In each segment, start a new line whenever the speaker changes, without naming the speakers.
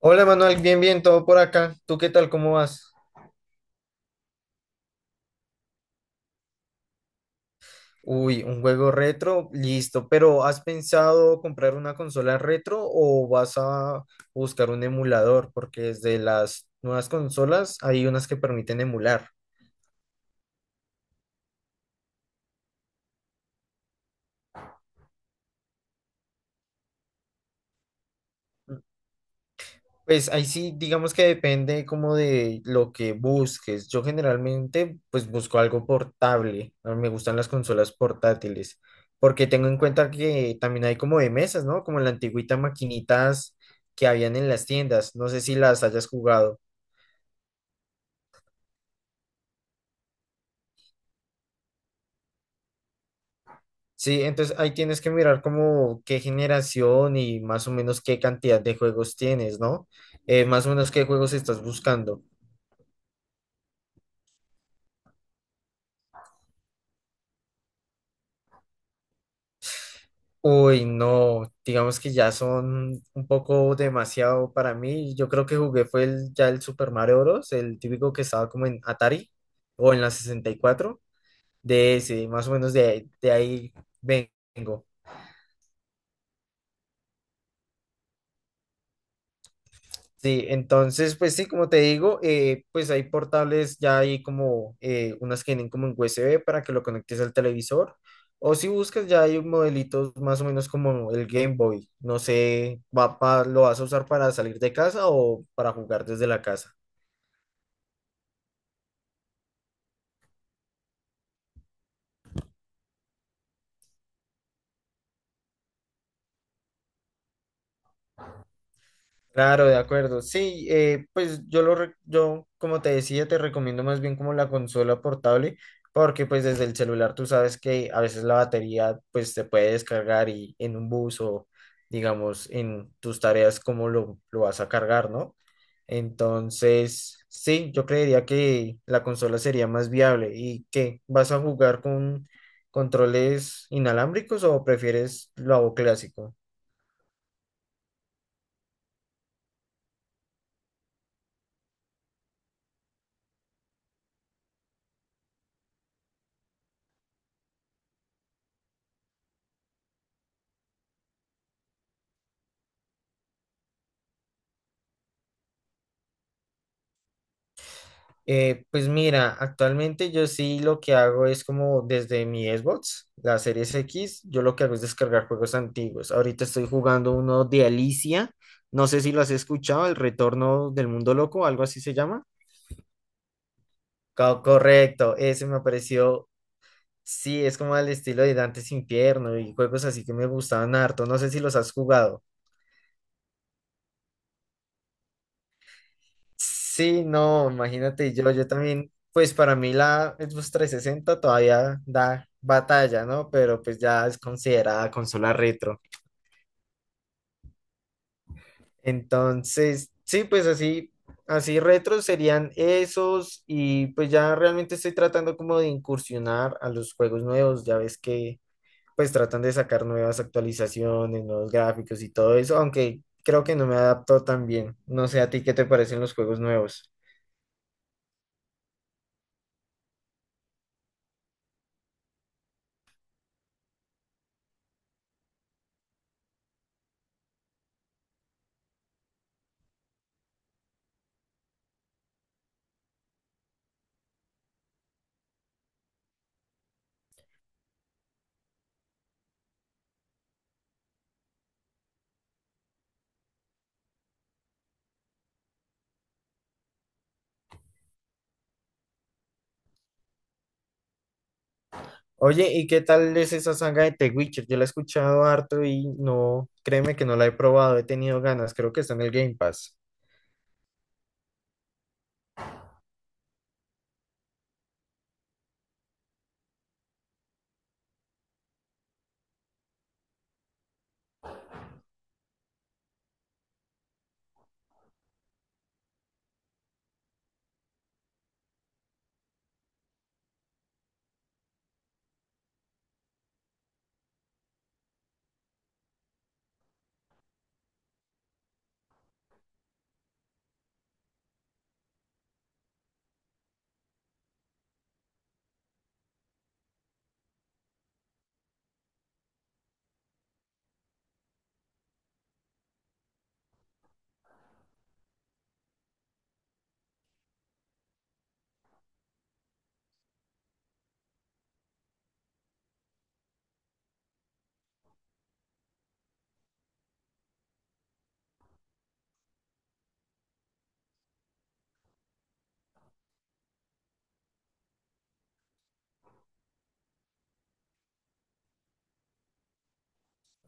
Hola Manuel, bien, todo por acá. ¿Tú qué tal? ¿Cómo vas? Uy, un juego retro, listo. Pero ¿has pensado comprar una consola retro o vas a buscar un emulador? Porque desde las nuevas consolas hay unas que permiten emular. Pues ahí sí, digamos que depende como de lo que busques. Yo generalmente pues busco algo portable. A mí me gustan las consolas portátiles, porque tengo en cuenta que también hay como de mesas, ¿no? Como la antigüita maquinitas que habían en las tiendas. No sé si las hayas jugado. Sí, entonces ahí tienes que mirar como qué generación y más o menos qué cantidad de juegos tienes, ¿no? Más o menos qué juegos estás buscando. Uy, no, digamos que ya son un poco demasiado para mí. Yo creo que jugué fue el, ya el Super Mario Bros., el típico que estaba como en Atari o en la 64, de ese, más o menos de ahí vengo. Sí, entonces, pues sí, como te digo, pues hay portables, ya hay como unas que vienen como en USB para que lo conectes al televisor, o si buscas ya hay modelitos más o menos como el Game Boy, no sé, ¿lo vas a usar para salir de casa o para jugar desde la casa? Claro, de acuerdo. Sí, pues yo como te decía, te recomiendo más bien como la consola portable, porque pues desde el celular tú sabes que a veces la batería pues se puede descargar y en un bus o digamos en tus tareas cómo lo vas a cargar, ¿no? Entonces, sí, yo creería que la consola sería más viable. ¿Y qué? ¿Vas a jugar con controles inalámbricos o prefieres lo clásico? Pues mira, actualmente yo sí lo que hago es como desde mi Xbox, la Series X, yo lo que hago es descargar juegos antiguos. Ahorita estoy jugando uno de Alicia, no sé si lo has escuchado, El Retorno del Mundo Loco, algo así se llama. Correcto, ese me pareció, sí, es como al estilo de Dantes Infierno y juegos así que me gustaban harto, no sé si los has jugado. Sí, no, imagínate yo, también, pues para mí la Xbox 360 todavía da batalla, ¿no? Pero pues ya es considerada consola retro. Entonces, sí, pues así, así retro serían esos y pues ya realmente estoy tratando como de incursionar a los juegos nuevos, ya ves que pues tratan de sacar nuevas actualizaciones, nuevos gráficos y todo eso, aunque creo que no me adapto tan bien. No sé a ti qué te parecen los juegos nuevos. Oye, ¿y qué tal es esa saga de The Witcher? Yo la he escuchado harto y no, créeme que no la he probado, he tenido ganas, creo que está en el Game Pass.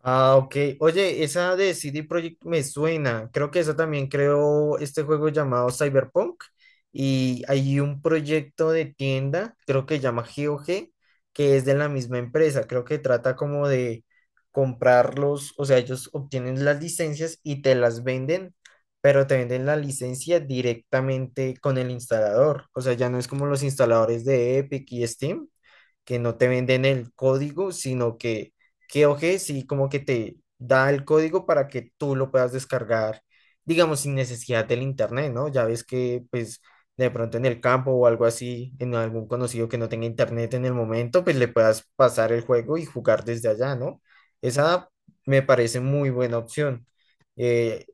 Ah, ok. Oye, esa de CD Projekt me suena. Creo que esa también creó este juego llamado Cyberpunk. Y hay un proyecto de tienda, creo que llama GOG, que es de la misma empresa. Creo que trata como de comprarlos, o sea, ellos obtienen las licencias y te las venden, pero te venden la licencia directamente con el instalador. O sea, ya no es como los instaladores de Epic y Steam que no te venden el código, sino que GeoG sí como que te da el código para que tú lo puedas descargar, digamos, sin necesidad del internet, ¿no? Ya ves que pues de pronto en el campo o algo así, en algún conocido que no tenga internet en el momento, pues le puedas pasar el juego y jugar desde allá, ¿no? Esa me parece muy buena opción. Eh,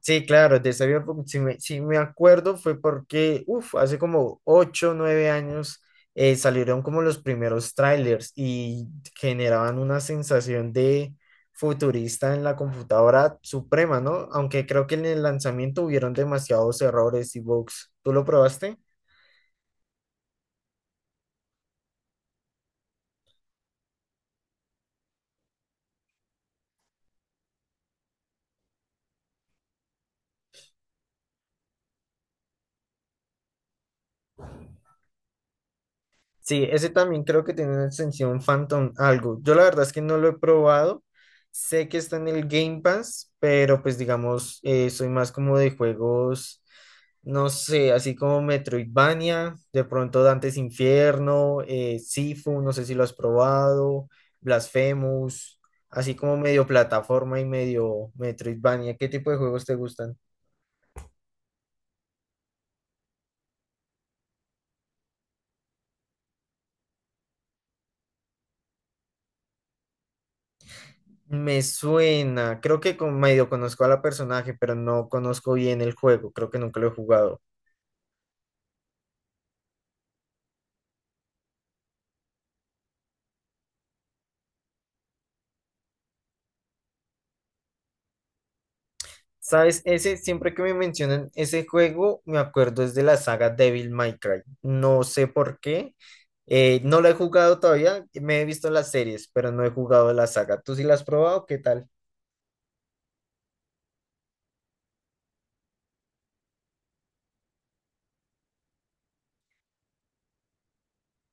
Sí, claro, de esa vida, pues, si me acuerdo fue porque, uff, hace como 8 o 9 años salieron como los primeros trailers y generaban una sensación de futurista en la computadora suprema, ¿no? Aunque creo que en el lanzamiento hubieron demasiados errores y bugs. ¿Tú lo probaste? Sí, ese también creo que tiene una extensión Phantom algo. Yo la verdad es que no lo he probado. Sé que está en el Game Pass, pero pues digamos, soy más como de juegos, no sé, así como Metroidvania, de pronto Dante's Infierno, Sifu, no sé si lo has probado, Blasphemous, así como medio plataforma y medio Metroidvania. ¿Qué tipo de juegos te gustan? Me suena, creo que con, medio conozco a la personaje, pero no conozco bien el juego, creo que nunca lo he jugado. ¿Sabes? Ese, siempre que me mencionan ese juego, me acuerdo es de la saga Devil May Cry. No sé por qué. No lo he jugado todavía, me he visto las series, pero no he jugado la saga. ¿Tú sí la has probado? ¿Qué tal?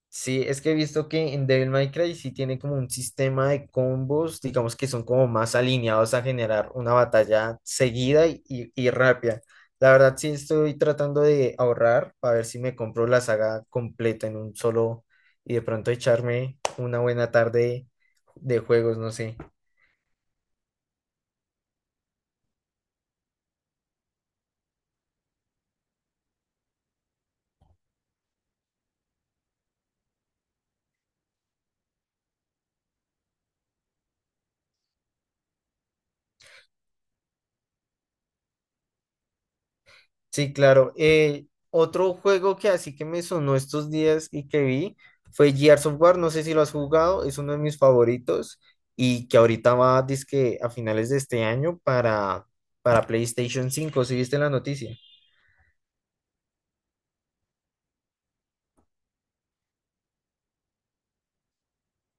Sí, es que he visto que en Devil May Cry sí tiene como un sistema de combos, digamos que son como más alineados a generar una batalla seguida y rápida. La verdad sí estoy tratando de ahorrar para ver si me compro la saga completa en un solo y de pronto echarme una buena tarde de juegos, no sé. Sí, claro. Otro juego que así que me sonó estos días y que vi fue Gears of War. No sé si lo has jugado, es uno de mis favoritos y que ahorita va, dizque a finales de este año para PlayStation 5. ¿Si viste la noticia?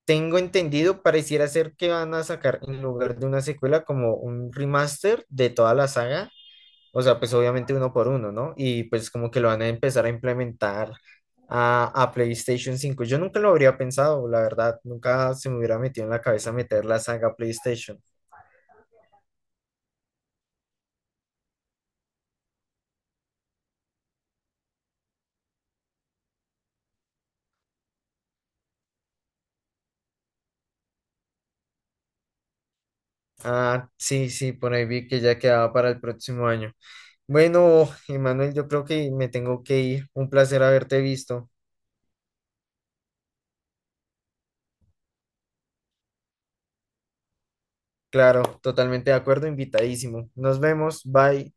Tengo entendido, pareciera ser que van a sacar en lugar de una secuela como un remaster de toda la saga. O sea, pues obviamente uno por uno, ¿no? Y pues como que lo van a empezar a implementar a PlayStation 5. Yo nunca lo habría pensado, la verdad. Nunca se me hubiera metido en la cabeza meter la saga PlayStation. Ah, sí, sí, por ahí vi que ya quedaba para el próximo año. Bueno, Emanuel, yo creo que me tengo que ir. Un placer haberte visto. Claro, totalmente de acuerdo, invitadísimo. Nos vemos, bye.